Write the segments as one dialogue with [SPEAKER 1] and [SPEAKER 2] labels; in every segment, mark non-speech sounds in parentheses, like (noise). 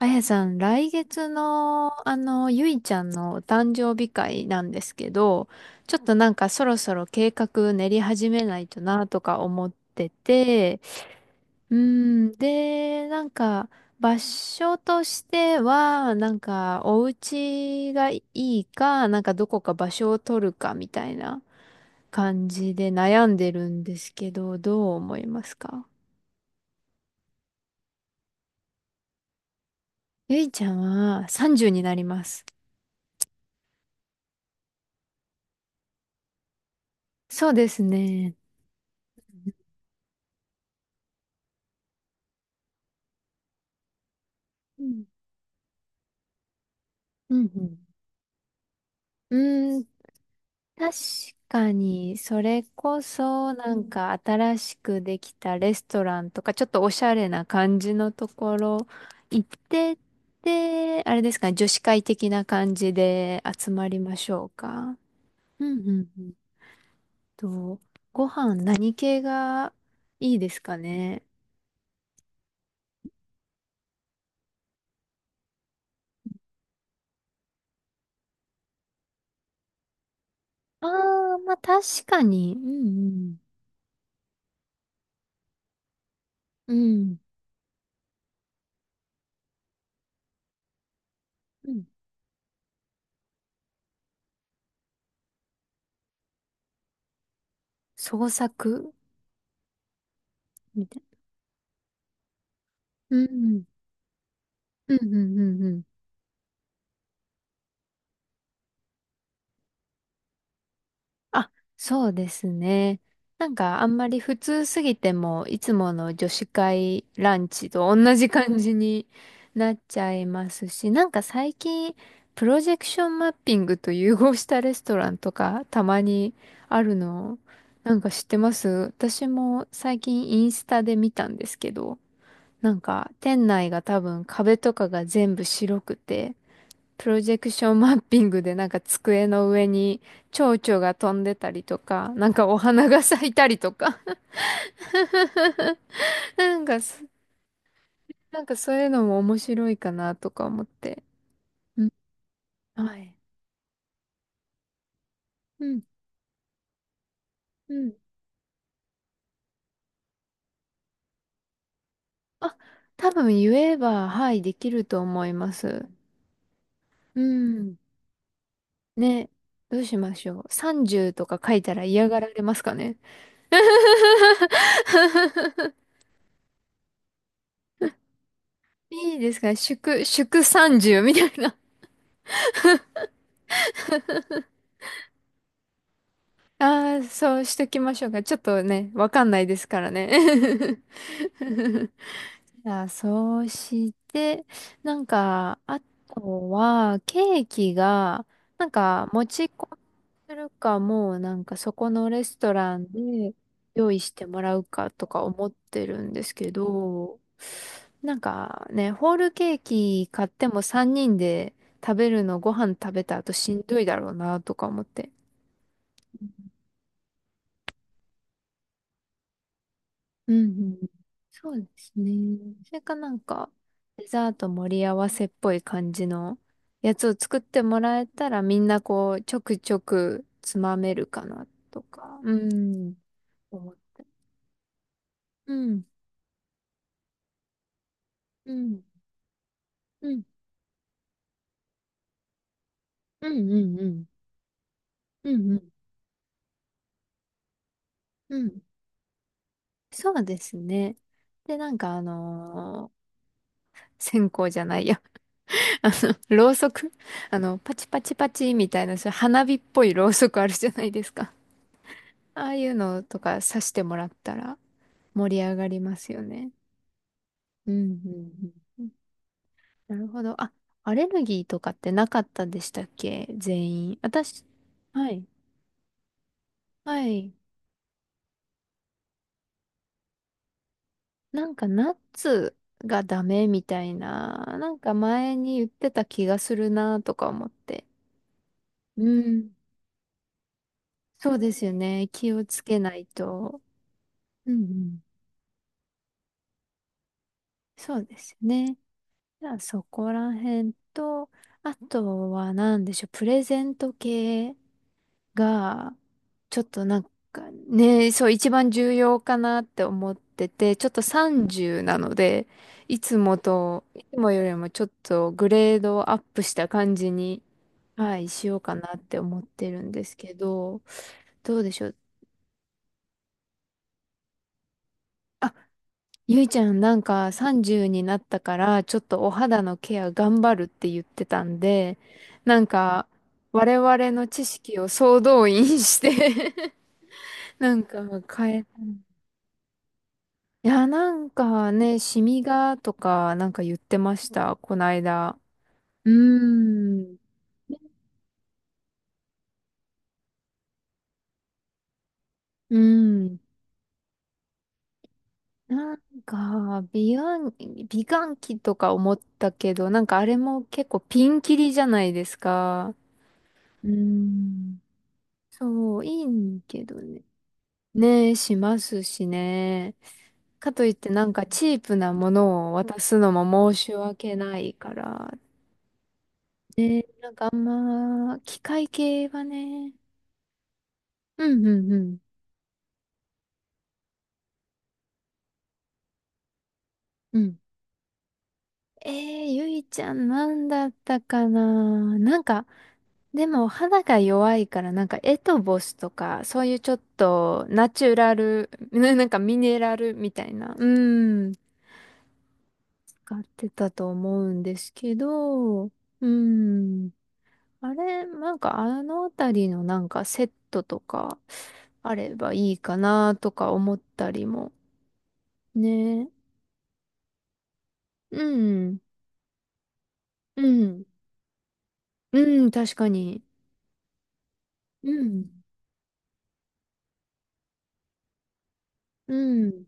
[SPEAKER 1] あやさん、来月の、ゆいちゃんのお誕生日会なんですけど、ちょっとなんかそろそろ計画練り始めないとなとか思ってて、うん、で、なんか場所としては、なんかお家がいいか、なんかどこか場所を取るかみたいな感じで悩んでるんですけど、どう思いますか？ゆいちゃんは30になります。そうですね。うんうん。うーん、確かに、それこそ、なんか新しくできたレストランとか、ちょっとおしゃれな感じのところ行ってって、あれですかね、女子会的な感じで集まりましょうか。うんうんうん。と、ご飯何系がいいですかね。ああ、まあ確かに。うんうん。うん。うん、創作みたいな。うんうん。うんうんうんうん。あ、そうですね。なんかあんまり普通すぎても、いつもの女子会ランチと同じ感じになっちゃいますし、なんか最近、プロジェクションマッピングと融合したレストランとかたまにあるの、なんか知ってます？私も最近インスタで見たんですけど、なんか店内が多分壁とかが全部白くて、プロジェクションマッピングでなんか机の上に蝶々が飛んでたりとか、なんかお花が咲いたりとか、(laughs) なんかそ、なんかそういうのも面白いかなとか思って。うん、はい。うん、うん。あ、多分言えば、はい、できると思います。うん。ね。どうしましょう。30とか書いたら嫌がられますかね？ (laughs) いいですか？祝30みたいな。ああ、そうしときましょうか。ちょっとね、わかんないですからね。(laughs) あ、そうして、なんか、あとは、ケーキが、なんか、持ち込みするか、もう、なんか、そこのレストランで用意してもらうかとか思ってるんですけど、なんかね、ホールケーキ買っても3人で食べるの、ご飯食べた後しんどいだろうな、とか思って。うんうん。そうですね。それかなんか、デザート盛り合わせっぽい感じのやつを作ってもらえたらみんなこう、ちょくちょくつまめるかなとか、うん、思って。うん、うん、うん、うん、うん、うん、うん、うん、うん。そうですね。で、なんか線香じゃないや。(laughs) あろうそく、あの、パチパチパチみたいな、そういう花火っぽいろうそくあるじゃないですか。ああいうのとかさしてもらったら盛り上がりますよね。うんうんうん。なるほど。あ、アレルギーとかってなかったでしたっけ全員？私、はい。はい。なんかナッツがダメみたいな、なんか前に言ってた気がするなとか思って。うん。そうですよね。気をつけないと。うんうん。そうですね。じゃあそこら辺と、あとは何でしょう。プレゼント系。が、ちょっとなんかね、そう一番重要かなって思ってて、ちょっと30なので、いつもと、いつもよりもちょっとグレードをアップした感じに、はい、しようかなって思ってるんですけど、どうでしょう。あ、ゆいちゃんなんか30になったから、ちょっとお肌のケア頑張るって言ってたんで、なんか、我々の知識を総動員して (laughs) なんか変えたら、いや、なんかね、シミがとかなんか言ってました、こないだ。うーん、うん。なんか、美顔器とか思ったけど、なんかあれも結構ピンキリじゃないですか。うーん。そう、いいけどね。ねえ、しますしね。かといってなんかチープなものを渡すのも申し訳ないから。ねえ、なんかあんま、機械系はね。うんうんうん。うん。ゆいちゃんなんだったかななんか、でも肌が弱いからなんかエトボスとか、そういうちょっとナチュラル、(laughs) なんかミネラルみたいな、うん、使ってたと思うんですけど、うん。あれ、なんかあのあたりのなんかセットとかあればいいかなとか思ったりも。ね。うん。うん。うん、確かに。うん。うん。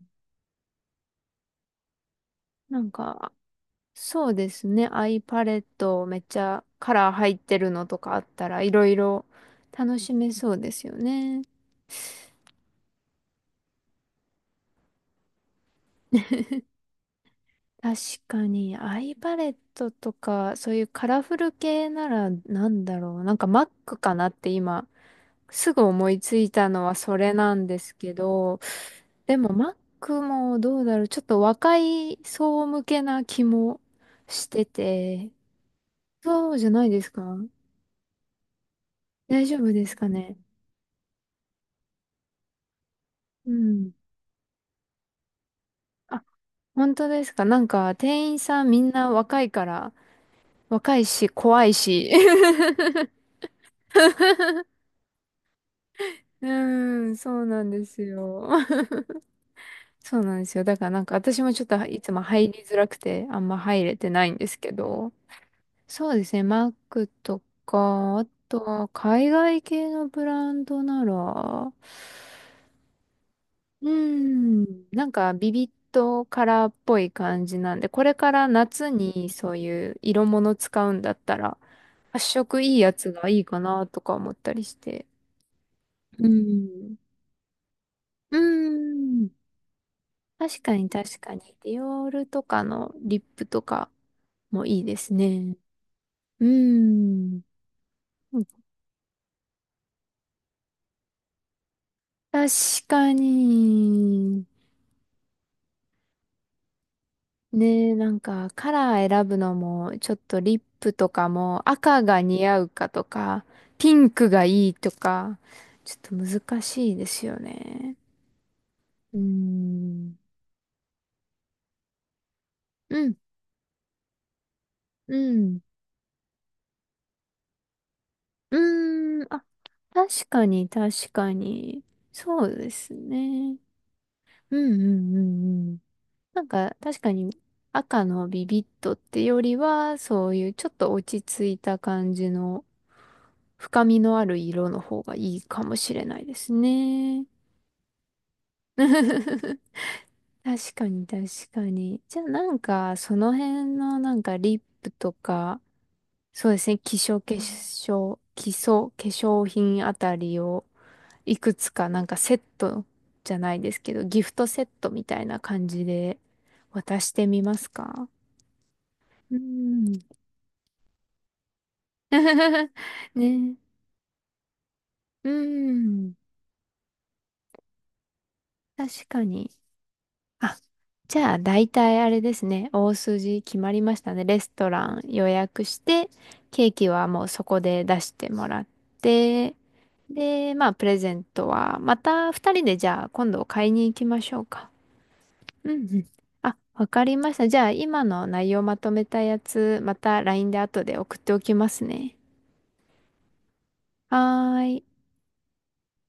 [SPEAKER 1] なんか、そうですね。アイパレットめっちゃカラー入ってるのとかあったらいろいろ楽しめそうですよね。確かに、アイパレットとか、そういうカラフル系ならなんだろう。なんか Mac かなって今、すぐ思いついたのはそれなんですけど、でも Mac もどうだろう。ちょっと若い層向けな気もしてて、そうじゃないですか？大丈夫ですかね？うん。本当ですか？なんか、店員さんみんな若いから、若いし、怖いし。(laughs) うーん、そうなんですよ。(laughs) そうなんですよ。だからなんか私もちょっといつも入りづらくて、あんま入れてないんですけど。そうですね。マックとか、あとは海外系のブランドなら、うーん、なんかビビットカラーっぽい感じなんで、これから夏にそういう色物使うんだったら、発色いいやつがいいかなとか思ったりして。うん。うん。確かに確かに。ディオールとかのリップとかもいいですね。うん。確かに。ねえ、なんかカラー選ぶのも、ちょっとリップとかも赤が似合うかとか、ピンクがいいとか、ちょっと難しいですよね。うーん。うん。うん。うーん、あ、確かに、確かに。そうですね。うんうんうんうん。なんか、確かに、赤のビビットってよりは、そういうちょっと落ち着いた感じの、深みのある色の方がいいかもしれないですね。(laughs) 確かに、確かに。じゃあ、なんか、その辺の、なんか、リップとか、そうですね、化粧、化粧、基礎、化粧品あたりを、いくつかなんかセットじゃないですけど、ギフトセットみたいな感じで渡してみますか？うん。(laughs) ね。うん。確かに。あ、じゃあ大体あれですね。大筋決まりましたね。レストラン予約して、ケーキはもうそこで出してもらって、で、まあプレゼントはまた二人でじゃあ今度買いに行きましょうか。うんうん。あ、わかりました。じゃあ、今の内容まとめたやつ、また LINE で後で送っておきますね。はーい。